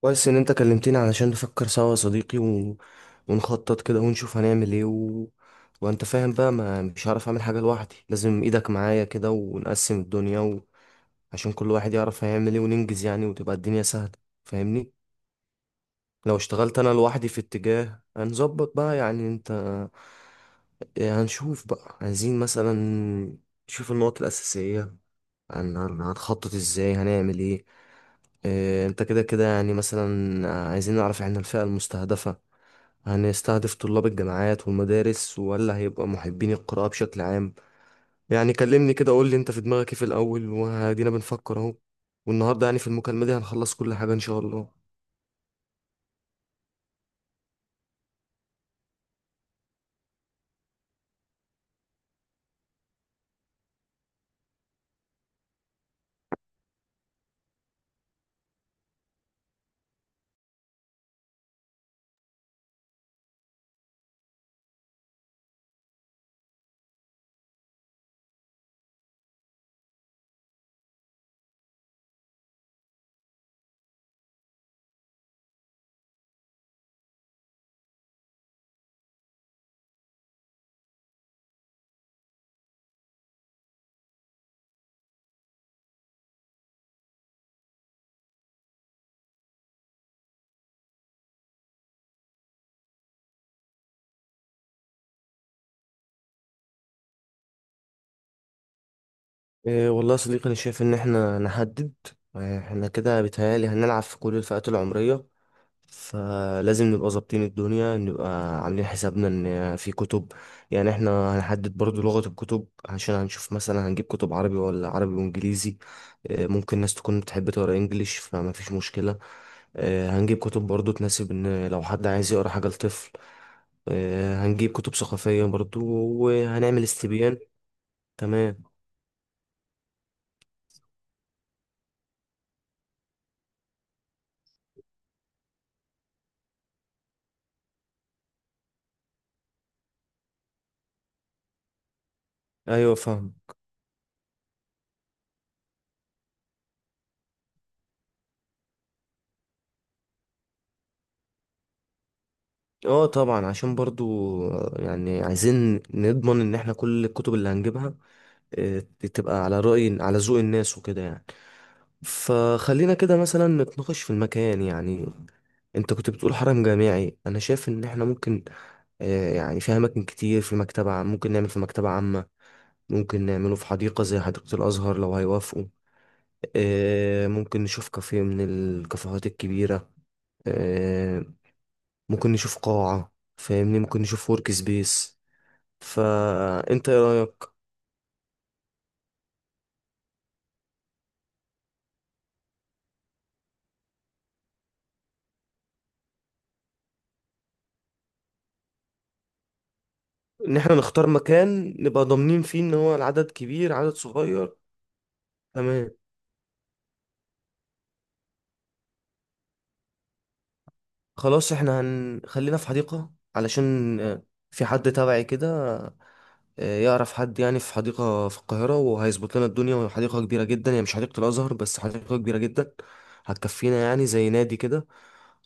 كويس ان انت كلمتني علشان نفكر سوا يا صديقي، ونخطط كده، ونشوف هنعمل ايه. وانت فاهم بقى، ما مش هعرف اعمل حاجة لوحدي، لازم ايدك معايا كده، ونقسم الدنيا عشان كل واحد يعرف هيعمل ايه وننجز يعني، وتبقى الدنيا سهلة. فاهمني؟ لو اشتغلت انا لوحدي في اتجاه هنظبط بقى، يعني انت، إيه، هنشوف بقى عايزين مثلا نشوف النقط الأساسية. هنخطط ازاي هنعمل ايه. إيه، انت كده كده يعني مثلا، عايزين نعرف احنا الفئة المستهدفة. هنستهدف طلاب الجامعات والمدارس ولا هيبقى محبين القراءة بشكل عام؟ يعني كلمني كده، قول لي انت في دماغك ايه في الاول، وهدينا بنفكر اهو. والنهارده يعني في المكالمة دي هنخلص كل حاجة ان شاء الله. إيه والله يا صديقي، أنا شايف إن إحنا نحدد، إيه، إحنا كده بيتهيألي هنلعب في كل الفئات العمرية. فلازم نبقى ظابطين الدنيا، نبقى عاملين حسابنا ان في كتب. يعني احنا هنحدد برضو لغة الكتب، عشان هنشوف مثلا هنجيب كتب عربي ولا عربي وانجليزي. ممكن ناس تكون بتحب تقرا انجليش، فما فيش مشكلة. هنجيب كتب برضو تناسب ان لو حد عايز يقرا حاجة لطفل. هنجيب كتب ثقافية برضو، وهنعمل استبيان. تمام. ايوه، فاهم. اه طبعا، عشان برضو يعني عايزين نضمن ان احنا كل الكتب اللي هنجيبها آه، تبقى على رأي، على ذوق الناس وكده يعني. فخلينا كده مثلا نتناقش في المكان. يعني انت كنت بتقول حرم جامعي، انا شايف ان احنا ممكن، يعني في اماكن كتير، ممكن نعمل في مكتبة عامة، ممكن نعمله في حديقة زي حديقة الازهر لو هيوافقوا. ممكن نشوف كافيه من الكافيهات الكبيرة. آه، ممكن نشوف قاعة، فاهمني، ممكن نشوف ورك سبيس. فانت ايه رايك؟ ان احنا نختار مكان نبقى ضامنين فيه ان هو العدد كبير، عدد صغير. تمام. خلاص احنا هنخلينا في حديقة، علشان في حد تبعي كده يعرف حد يعني في حديقة في القاهرة، وهيظبط لنا الدنيا، وهي حديقة كبيرة جدا، يعني مش حديقة الأزهر بس، حديقة كبيرة جدا هتكفينا، يعني زي نادي كده.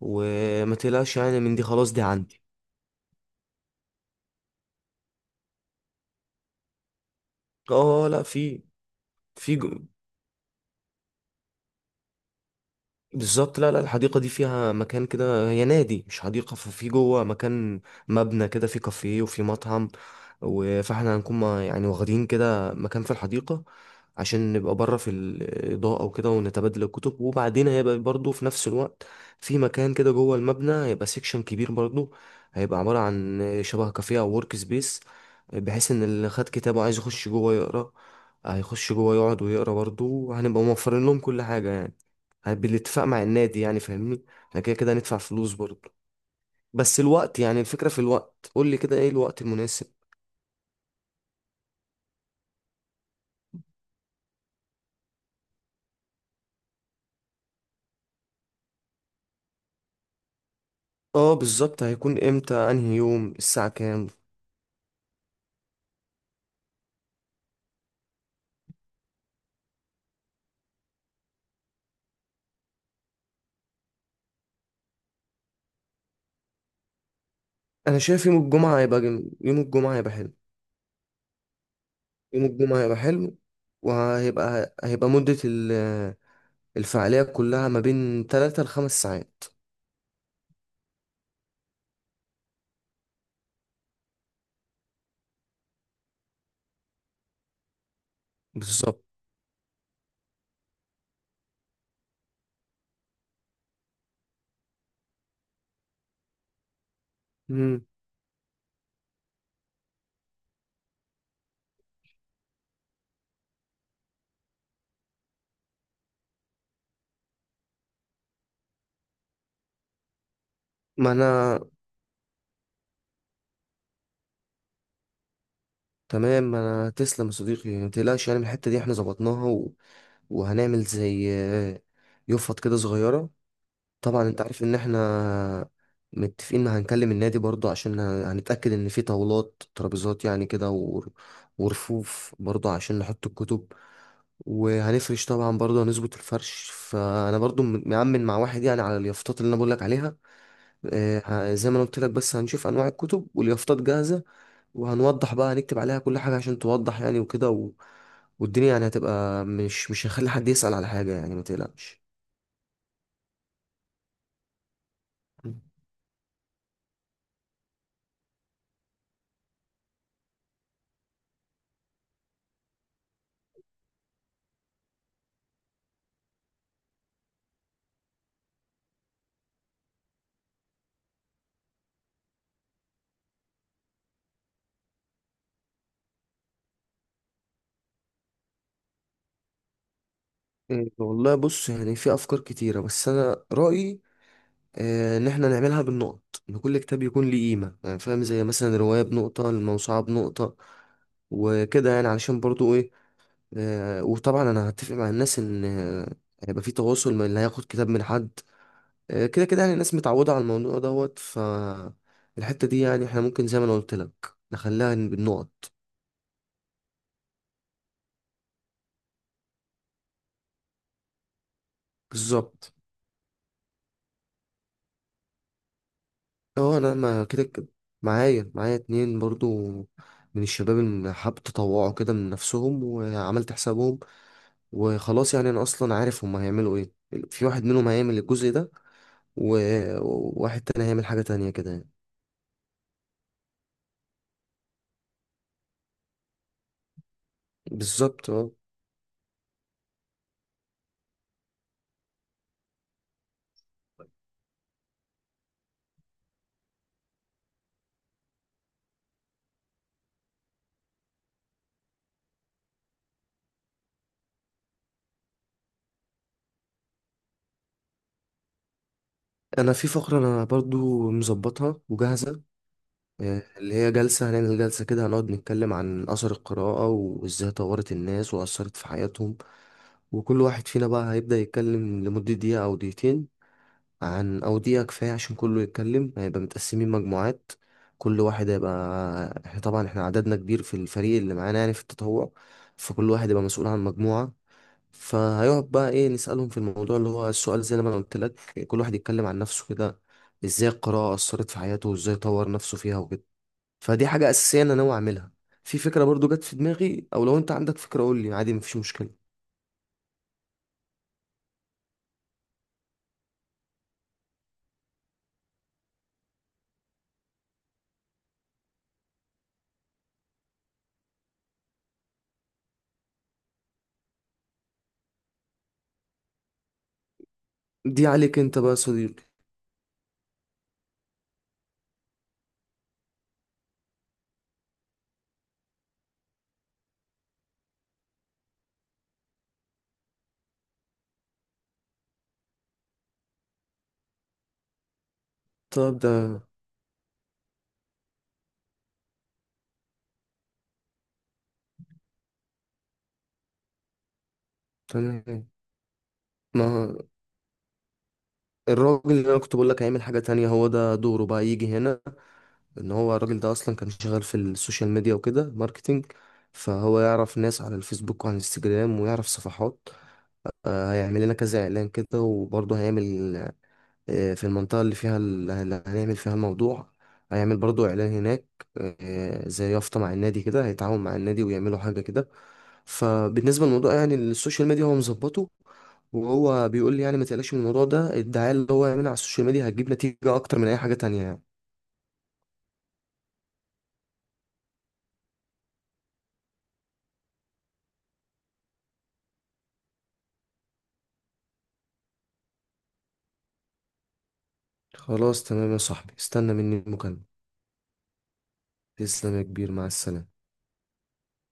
وما تقلقش يعني من دي، خلاص دي عندي. اه لا، في بالظبط. لا لا، الحديقة دي فيها مكان كده، هي نادي مش حديقة، ففي جوه مكان، مبنى كده فيه كافيه وفيه مطعم، فاحنا هنكون، يعني واخدين كده مكان في الحديقة، عشان نبقى بره في الإضاءة وكده، ونتبادل الكتب. وبعدين هيبقى برضو في نفس الوقت في مكان كده جوه المبنى، هيبقى سيكشن كبير برضو، هيبقى عبارة عن شبه كافيه أو ورك سبيس، بحيث إن اللي خد كتابه عايز يخش جوه يقرأ، هيخش جوه يقعد ويقرأ برضو، وهنبقى موفرين لهم كل حاجة يعني، بالاتفاق مع النادي يعني، فاهمني. احنا كده كده هندفع فلوس برضه. بس الوقت، يعني الفكرة في الوقت، قول لي كده ايه الوقت المناسب. اه بالظبط، هيكون امتى؟ انهي يوم؟ الساعة كام؟ انا شايف يوم الجمعة هيبقى يوم الجمعة هيبقى حلو. يوم الجمعة هيبقى حلو وهيبقى مدة الفعالية كلها ما بين 3 لخمس ساعات، بالظبط. مم. ما انا تمام. ما انا تسلم يا صديقي، ما تقلقش يعني من الحتة دي احنا ظبطناها، وهنعمل زي يفط كده صغيرة. طبعا انت عارف ان احنا متفقين ان هنكلم النادي برضو، عشان هنتأكد ان في طاولات، ترابيزات يعني كده، ورفوف برضو عشان نحط الكتب. وهنفرش طبعا برضو، هنظبط الفرش. فانا برضو مأمن مع واحد يعني على اليافطات اللي انا بقول لك عليها. زي ما انا قلت لك، بس هنشوف انواع الكتب، واليافطات جاهزة، وهنوضح بقى، هنكتب عليها كل حاجة عشان توضح يعني وكده. والدنيا يعني هتبقى، مش هنخلي حد يسأل على حاجة يعني، ما تقلقش. إيه والله، بص يعني في افكار كتيره، بس انا رايي ان احنا نعملها بالنقط. ان كل كتاب يكون ليه قيمه، يعني فاهم، زي مثلا الروايه بنقطه، الموسوعه بنقطه، وكده يعني، علشان برضو ايه. وطبعا انا هتفق مع الناس ان هيبقى في تواصل من اللي هياخد كتاب من حد. كده كده يعني الناس متعوده على الموضوع دوت ف. الحته دي يعني احنا ممكن زي ما انا قلت لك نخليها بالنقط. بالظبط. اه لا، ما كده كده، معايا اتنين برضو من الشباب اللي حابب تطوعوا كده من نفسهم، وعملت حسابهم، وخلاص يعني انا اصلا عارف هما هيعملوا ايه. في واحد منهم هيعمل الجزء ده، وواحد تاني هيعمل حاجة تانية كده يعني. بالظبط. اه انا في فقرة انا برضو مظبطها وجاهزة، اللي هي جلسة، هنعمل جلسة كده، هنقعد نتكلم عن أثر القراءة وإزاي طورت الناس وأثرت في حياتهم. وكل واحد فينا بقى هيبدأ يتكلم لمدة دقيقة أو دقيقتين، عن، أو دقيقة كفاية عشان كله يتكلم، هيبقى متقسمين مجموعات. كل واحد هيبقى احنا طبعا احنا عددنا كبير في الفريق اللي معانا يعني في التطوع، فكل واحد يبقى مسؤول عن مجموعة. فهيقعد بقى، ايه، نسألهم في الموضوع، اللي هو السؤال زي ما انا قلت لك، كل واحد يتكلم عن نفسه كده، ازاي القراءة أثرت في حياته وازاي طور نفسه فيها وكده. فدي حاجة أساسية أنا ناوي أعملها. في فكرة برضو جت في دماغي، أو لو أنت عندك فكرة قول لي عادي، مفيش مشكلة. دي عليك أنت بقى يا صديقي. طب ده تمام. ما الراجل اللي انا كنت بقول لك هيعمل حاجة تانية، هو ده دوره بقى يجي هنا. ان هو الراجل ده اصلا كان شغال في السوشيال ميديا وكده، ماركتينج، فهو يعرف ناس على الفيسبوك وعلى الانستجرام، ويعرف صفحات. هيعمل لنا كذا اعلان كده، وبرضه هيعمل في المنطقة اللي فيها اللي هنعمل فيها الموضوع، هيعمل برضو إعلان هناك. زي يافطة مع النادي كده، هيتعاون مع النادي ويعملوا حاجة كده. فبالنسبة للموضوع يعني السوشيال ميديا هو مظبطه، وهو بيقول لي يعني ما تقلقش من الموضوع ده، الدعاية اللي هو يعملها على السوشيال ميديا هتجيب نتيجة أكتر من أي حاجة تانية يعني. خلاص تمام يا صاحبي، استنى مني المكالمة. تسلم يا كبير، مع السلامة.